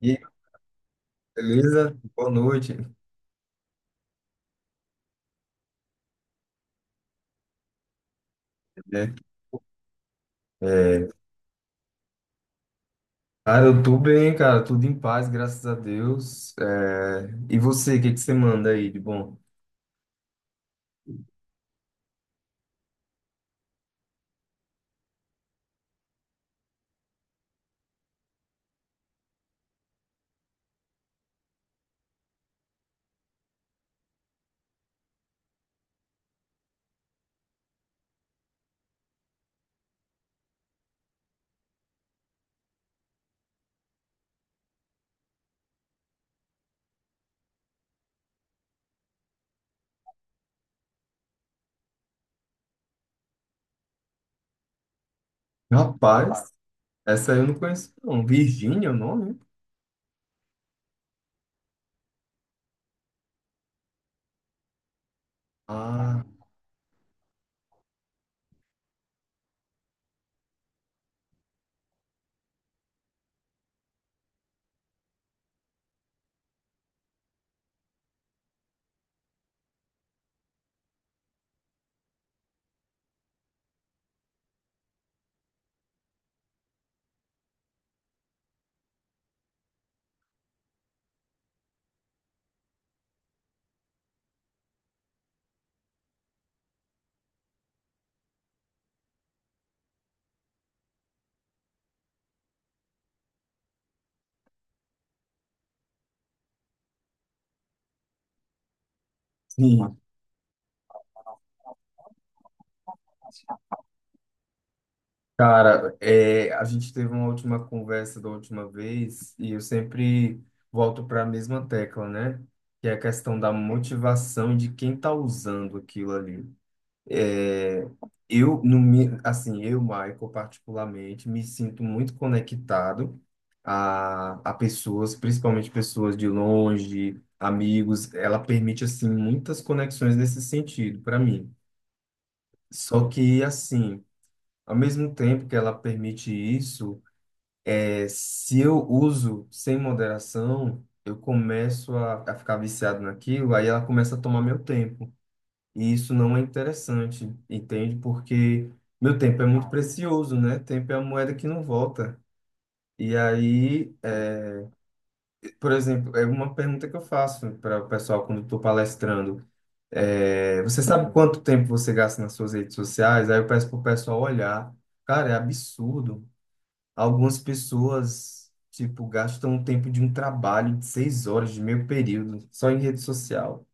E aí, beleza? Boa noite. Né? É, cara, eu tô bem, cara, tudo em paz, graças a Deus. E você, o que que você manda aí de bom? Rapaz, essa eu não conheço, não. Virgínia é o nome? Ah, sim. Cara, a gente teve uma última conversa da última vez e eu sempre volto para a mesma tecla, né? Que é a questão da motivação e de quem tá usando aquilo ali. É, eu, no, mi- Assim, eu, Michael, particularmente, me sinto muito conectado a pessoas, principalmente pessoas de longe, amigos. Ela permite, assim, muitas conexões nesse sentido, para mim. Só que, assim, ao mesmo tempo que ela permite isso, se eu uso sem moderação, eu começo a ficar viciado naquilo, aí ela começa a tomar meu tempo. E isso não é interessante, entende? Porque meu tempo é muito precioso, né? Tempo é a moeda que não volta. E aí, é, por exemplo, é uma pergunta que eu faço para o pessoal quando estou palestrando. É, você sabe quanto tempo você gasta nas suas redes sociais? Aí eu peço para o pessoal olhar. Cara, é absurdo. Algumas pessoas, tipo, gastam o tempo de um trabalho de seis horas, de meio período, só em rede social.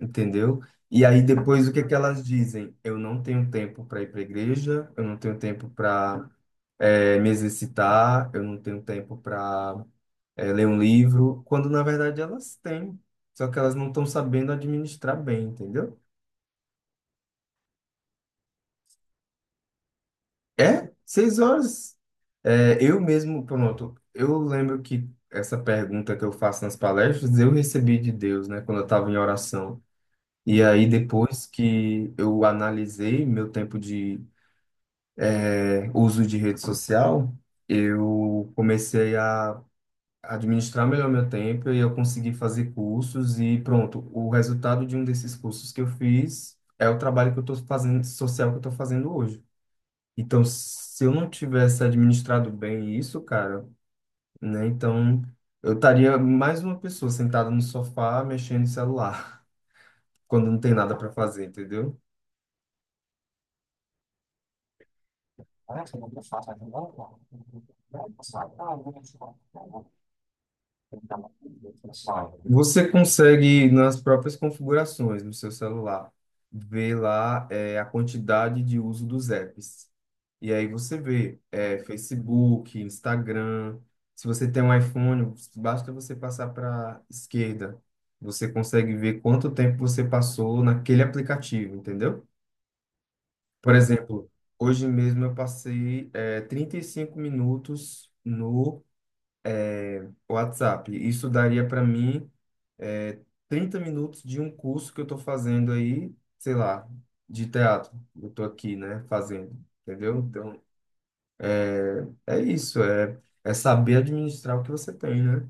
Entendeu? E aí depois o que que elas dizem? Eu não tenho tempo para ir para a igreja, eu não tenho tempo para me exercitar, eu não tenho tempo para ler um livro, quando na verdade elas têm, só que elas não estão sabendo administrar bem, entendeu? É, seis horas. É, eu mesmo, pronto, eu lembro que essa pergunta que eu faço nas palestras, eu recebi de Deus, né, quando eu estava em oração. E aí, depois que eu analisei meu tempo de uso de rede social, eu comecei a administrar melhor meu tempo e eu consegui fazer cursos e pronto, o resultado de um desses cursos que eu fiz é o trabalho que eu estou fazendo, social que eu estou fazendo hoje. Então, se eu não tivesse administrado bem isso, cara, né, então eu estaria mais uma pessoa sentada no sofá mexendo no celular, quando não tem nada para fazer, entendeu? Você consegue, nas próprias configurações no seu celular, ver lá a quantidade de uso dos apps. E aí você vê, é, Facebook, Instagram. Se você tem um iPhone, basta você passar para esquerda. Você consegue ver quanto tempo você passou naquele aplicativo, entendeu? Por exemplo, hoje mesmo eu passei, é, 35 minutos no WhatsApp. Isso daria para mim. É, 30 minutos de um curso que eu estou fazendo aí, sei lá, de teatro. Eu estou aqui, né, fazendo, entendeu? Então, é isso, é, é saber administrar o que você tem, né?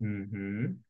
Uhum.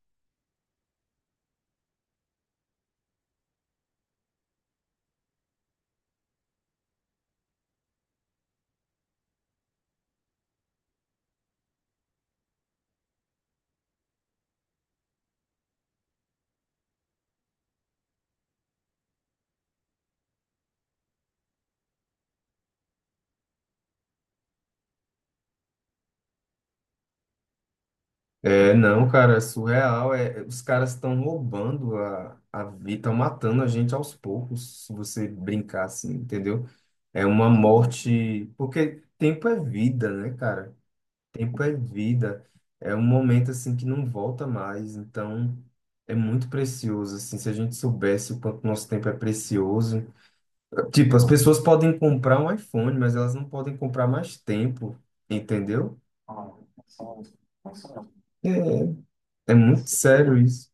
É, não, cara, é surreal. É, os caras estão roubando a vida, estão matando a gente aos poucos, se você brincar assim, entendeu? É uma morte, porque tempo é vida, né, cara? Tempo é vida, é um momento assim que não volta mais, então é muito precioso, assim, se a gente soubesse o quanto nosso tempo é precioso. Tipo, as pessoas podem comprar um iPhone, mas elas não podem comprar mais tempo, entendeu? É, é muito sério isso.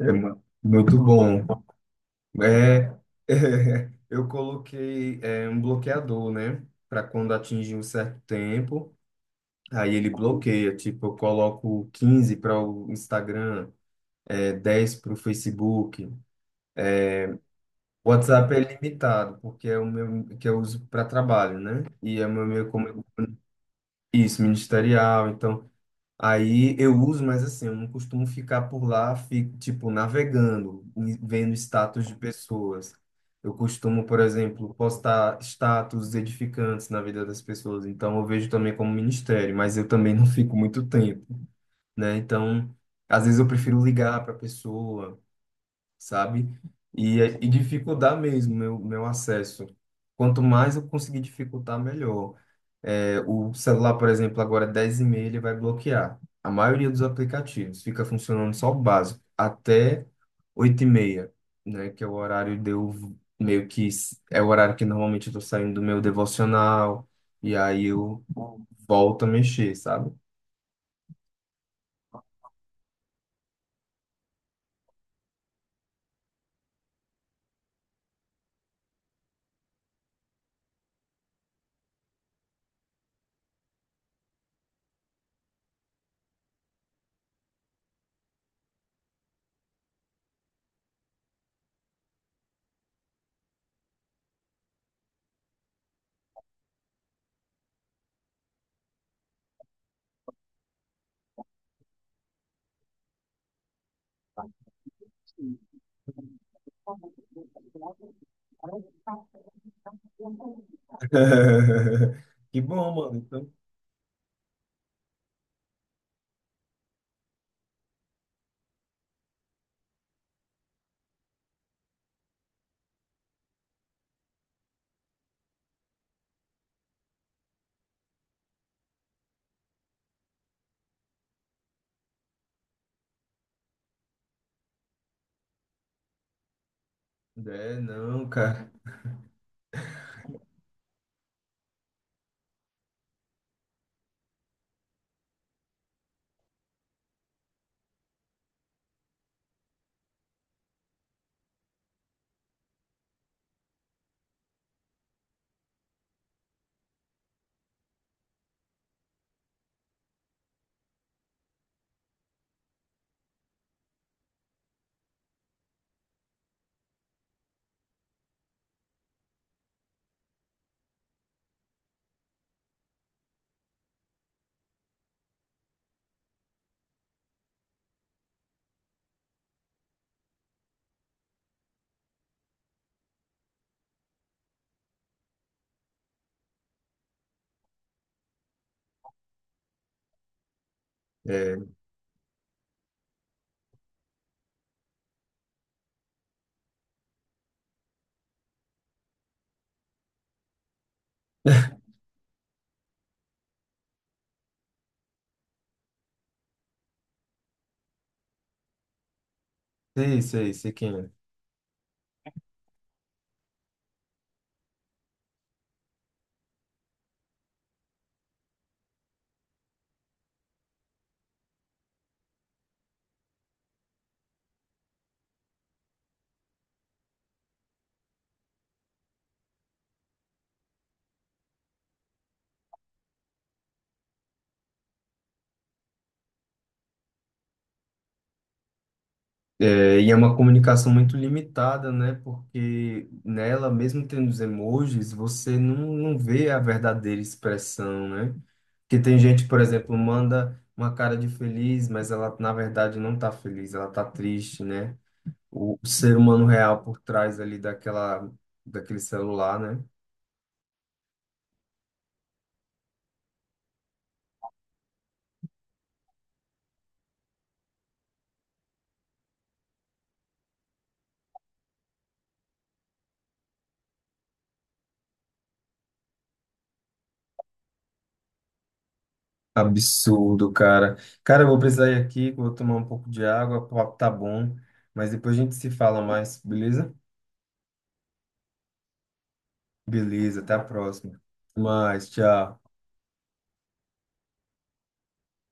É mu- muito bom. É, eu coloquei, é, um bloqueador, né, para quando atingir um certo tempo, aí ele bloqueia, tipo, eu coloco 15 para o Instagram, é 10 para o Facebook. O WhatsApp é limitado, porque é o meu que eu uso para trabalho, né? E é o meu meio como isso, ministerial, então aí eu uso, mas assim, eu não costumo ficar por lá, fico, tipo, navegando, e vendo status de pessoas. Eu costumo, por exemplo, postar status edificantes na vida das pessoas, então eu vejo também como ministério, mas eu também não fico muito tempo, né? Então, às vezes eu prefiro ligar para a pessoa, sabe? E dificultar mesmo meu, meu acesso. Quanto mais eu conseguir dificultar, melhor. É, o celular, por exemplo, agora é dez e meia ele vai bloquear. A maioria dos aplicativos fica funcionando só o básico, até oito e meia, né? Que é o horário de eu meio que é o horário que normalmente eu tô saindo do meu devocional, e aí eu volto a mexer, sabe? Que bom, mano. Então, é, não, cara. É. Sei, sei, sei quem é. É, e é uma comunicação muito limitada, né? Porque nela, mesmo tendo os emojis, você não, não vê a verdadeira expressão, né? Que tem gente, por exemplo, manda uma cara de feliz, mas ela na verdade não tá feliz, ela tá triste, né? O ser humano real por trás ali daquela, daquele celular, né? Absurdo, cara. Cara, eu vou precisar ir aqui, que eu vou tomar um pouco de água, o papo tá bom, mas depois a gente se fala mais, beleza? Beleza, até a próxima. Até mais, tchau.